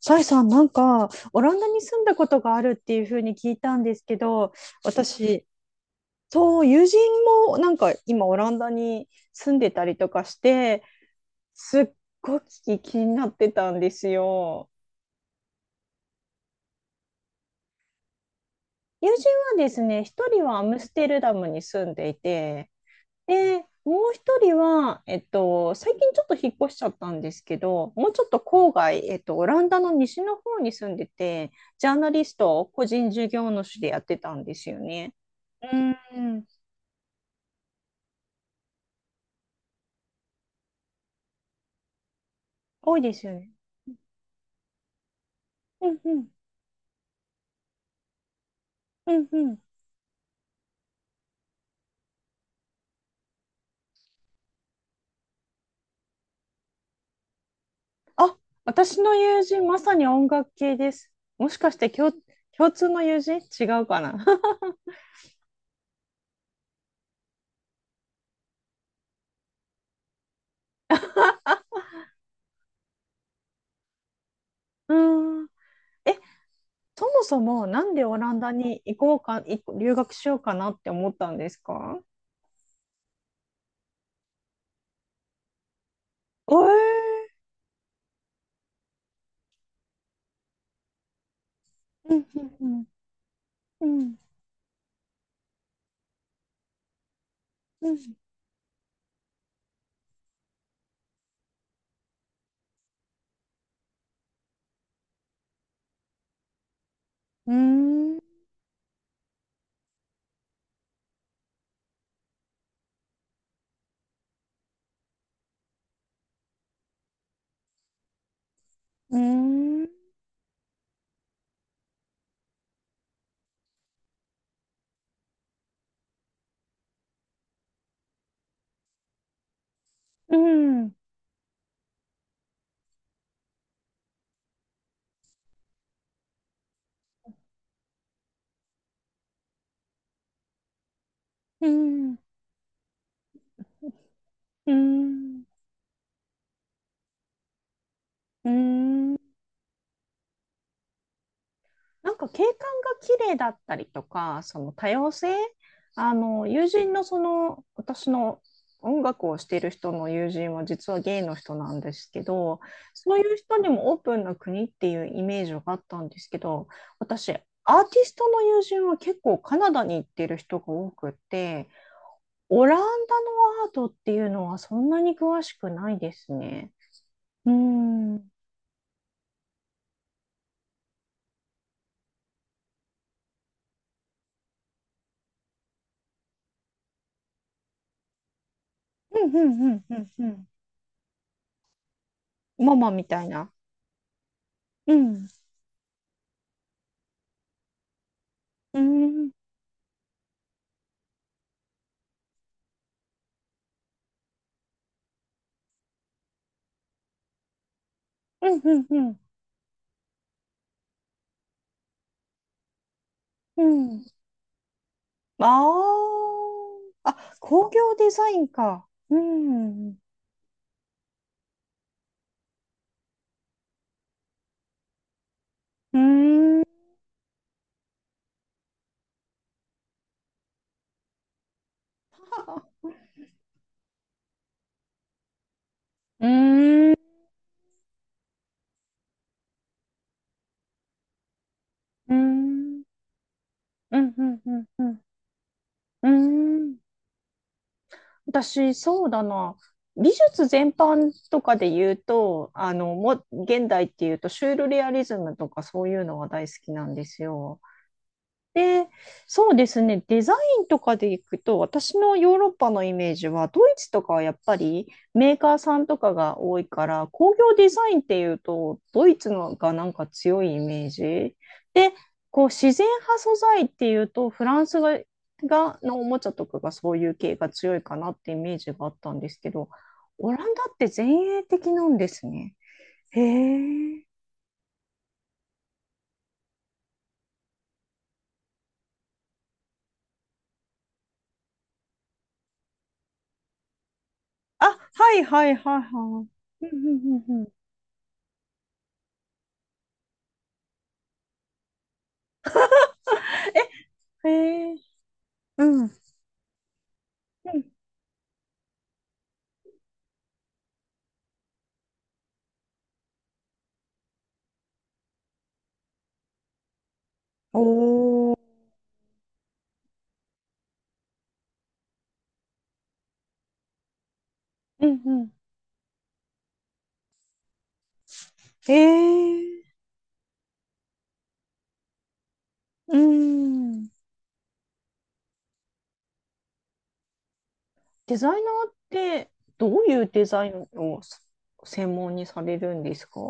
サイさん、オランダに住んだことがあるっていうふうに聞いたんですけど、私、そう、友人も今、オランダに住んでたりとかして、すっごく気になってたんですよ。友人はですね、一人はアムステルダムに住んでいて、で、もう一人は、最近ちょっと引っ越しちゃったんですけど、もうちょっと郊外、オランダの西の方に住んでて、ジャーナリストを個人事業主でやってたんですよね。うーん、多いですよね。うんうん、うんうん。あ、私の友人、まさに音楽系です。もしかして共、共通の友人違うかな？ うーん。え、そもそもなんでオランダに行こうか、い留学しようかなって思ったんですか？えーうんうんうんうんうんうんうんうんうんうん、うん、なんか景観が綺麗だったりとか、その多様性、あの友人のその私の音楽をしている人の友人は実はゲイの人なんですけど、そういう人にもオープンな国っていうイメージがあったんですけど、私、アーティストの友人は結構カナダに行ってる人が多くて、オランダのアートっていうのはそんなに詳しくないですね。うーん。うんうんうんうんうん。ママみたいな。うん。うーん。うんうんうんうん。ああ、工業デザインか。うん。うーん。うーん。うーん。うん。うん。うん。うんうーん、私、そうだな。美術全般とかで言うと、現代っていうと、シュールレアリズムとかそういうのが大好きなんですよ。で、そうですね、デザインとかでいくと、私のヨーロッパのイメージは、ドイツとかはやっぱりメーカーさんとかが多いから、工業デザインっていうと、ドイツのがなんか強いイメージ。で、こう自然派素材っていうと、フランスのおもちゃとかがそういう系が強いかなってイメージがあったんですけど、オランダって前衛的なんですね。へえ。あ、はいはいはいはい。うんうんうんうん、え、へえ。うん。うん、おー。うんうん、えー。うん、デザイナーってどういうデザインを専門にされるんですか？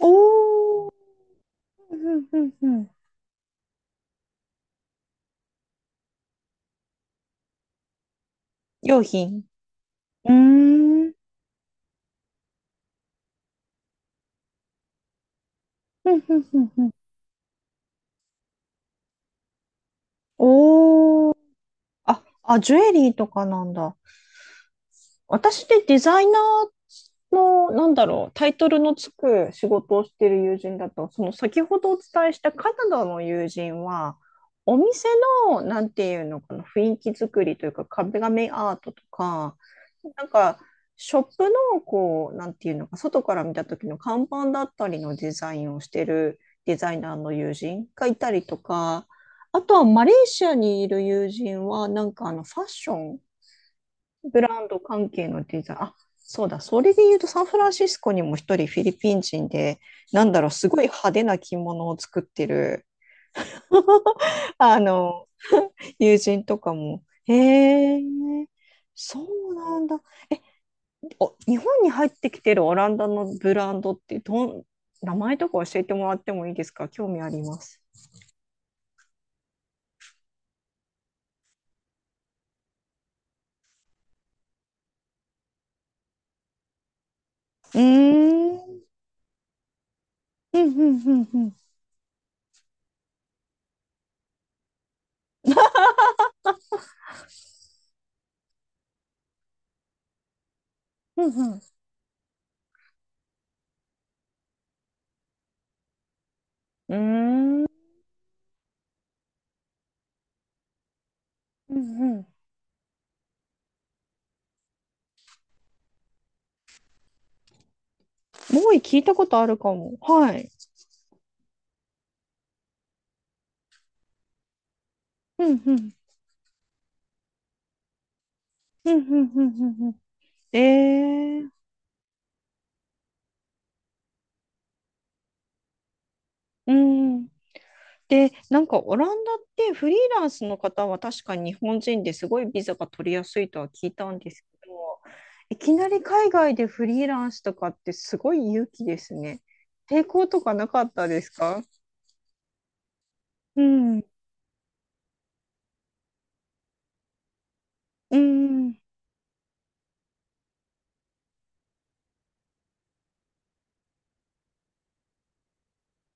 おー。うんうんうん。用品。うーん。うんうんうんうん。おー。あ、あ、ジュエリーとかなんだ。私、デザイナーの、なんだろう、タイトルのつく仕事をしている友人だと、その先ほどお伝えしたカナダの友人は、お店の、なんていうのかな、雰囲気作りというか、壁紙アートとか、なんか、ショップの、こう、なんていうのか、外から見た時の看板だったりのデザインをしてるデザイナーの友人がいたりとか、あとはマレーシアにいる友人は、あのファッションブランド関係のデザイン。あ、そうだ。それで言うと、サンフランシスコにも一人フィリピン人で、なんだろう、すごい派手な着物を作ってる、あの、友人とかも、へえ、そうなんだ。お、日本に入ってきてるオランダのブランドって名前とか教えてもらってもいいですか？興味あります。うーん。うんうんうんうん。うんうん。うーん。うんうん。もう聞いたことあるかも。はい。うんうんうんうんうんうんうん。えー、うん。で、なんかオランダってフリーランスの方は確かに日本人ですごいビザが取りやすいとは聞いたんですけど、いきなり海外でフリーランスとかってすごい勇気ですね。抵抗とかなかったですか？うん。うん。うん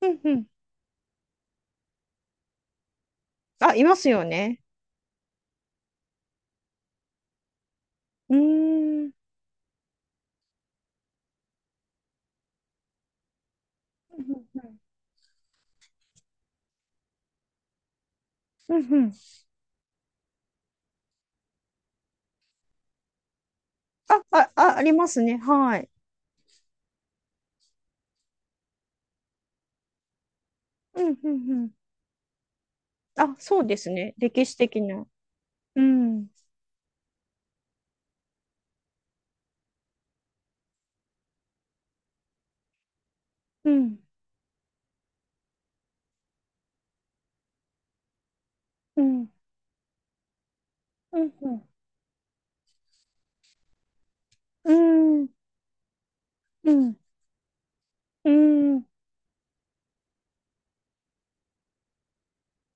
うん。あ、いますよね。うん。うんうんうんうん、あ、あ、あ、ありますね。はい。うんうんうん。あ、そうですね。歴史的な。うん。うん、うん、うん、うん、うん、うん、うん。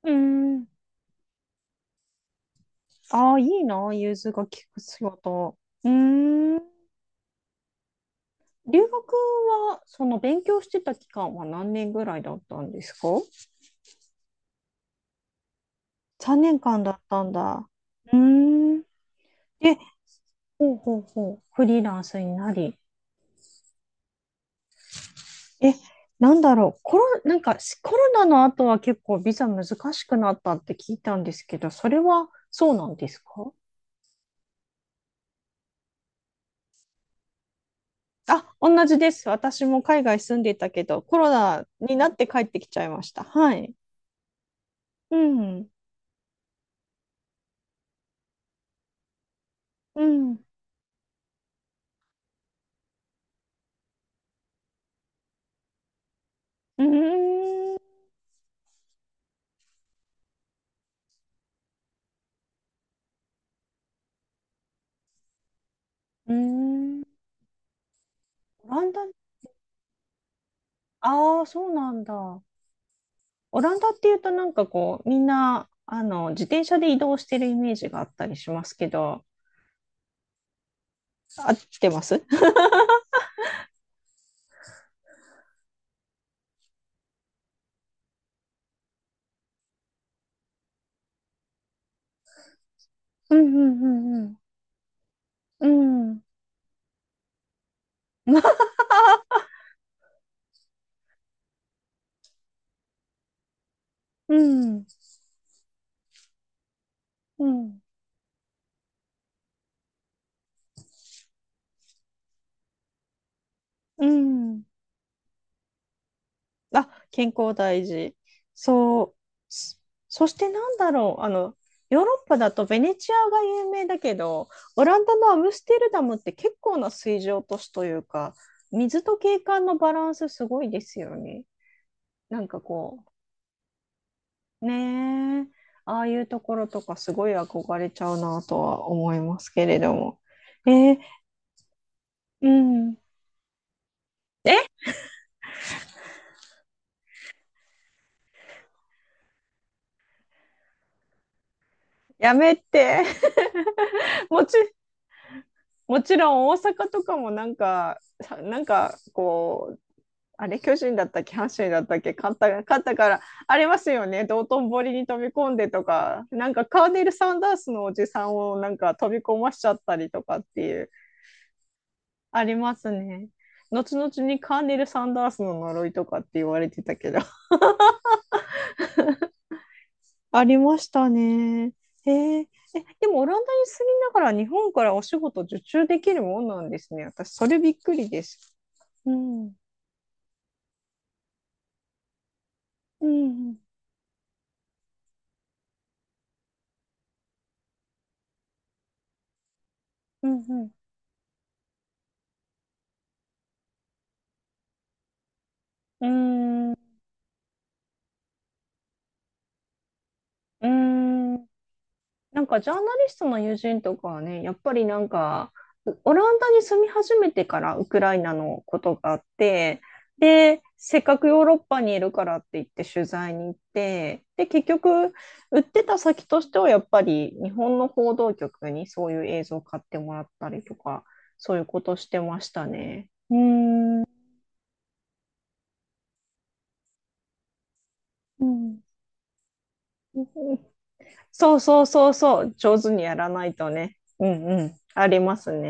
うん、ああ、いいな、融通が効く仕事。うーん。留学は、その勉強してた期間は何年ぐらいだったんですか？ 3 年間だったんだ。うーん。え、ほうほうほう。フリーランスになり。え、なんだろう。コロ、なんかしコロナの後は結構ビザ難しくなったって聞いたんですけど、それはそうなんですか？あ、同じです。私も海外住んでいたけど、コロナになって帰ってきちゃいました。はい。うん。うん。うーん。うーん。オランダ、ああ、そうなんだ。オランダっていうとなんかこう、みんな、あの、自転車で移動してるイメージがあったりしますけど、合ってます？ うんうんうんうん。うん。うん。うん。うん。あ、健康大事。そう。そそしてなんだろう。あの、ヨーロッパだとベネチアが有名だけど、オランダのアムステルダムって結構な水上都市というか、水と景観のバランスすごいですよね。なんかこう、ねえ、ああいうところとかすごい憧れちゃうなとは思いますけれども。えーうん。やめて。もち、もちろん大阪とかもなんか、さなんかこあれ、巨人だったっけ、阪神だったっけ、勝ったから、ありますよね、道頓堀に飛び込んでとか、なんかカーネル・サンダースのおじさんをなんか飛び込ましちゃったりとかっていう、ありますね。後々にカーネル・サンダースの呪いとかって言われてたけど ありましたね。へえ。でもオランダに住みながら日本からお仕事受注できるもんなんですね。私、それびっくりです。うん。うん。うん。うん。うん。うん。なんかジャーナリストの友人とかはね、やっぱりなんか、オランダに住み始めてからウクライナのことがあって、で、せっかくヨーロッパにいるからって言って取材に行って、で、結局、売ってた先としてはやっぱり日本の報道局にそういう映像を買ってもらったりとか、そういうことしてましたね。うーん。うん、そうそうそうそう、上手にやらないとね。うんうん、ありますね。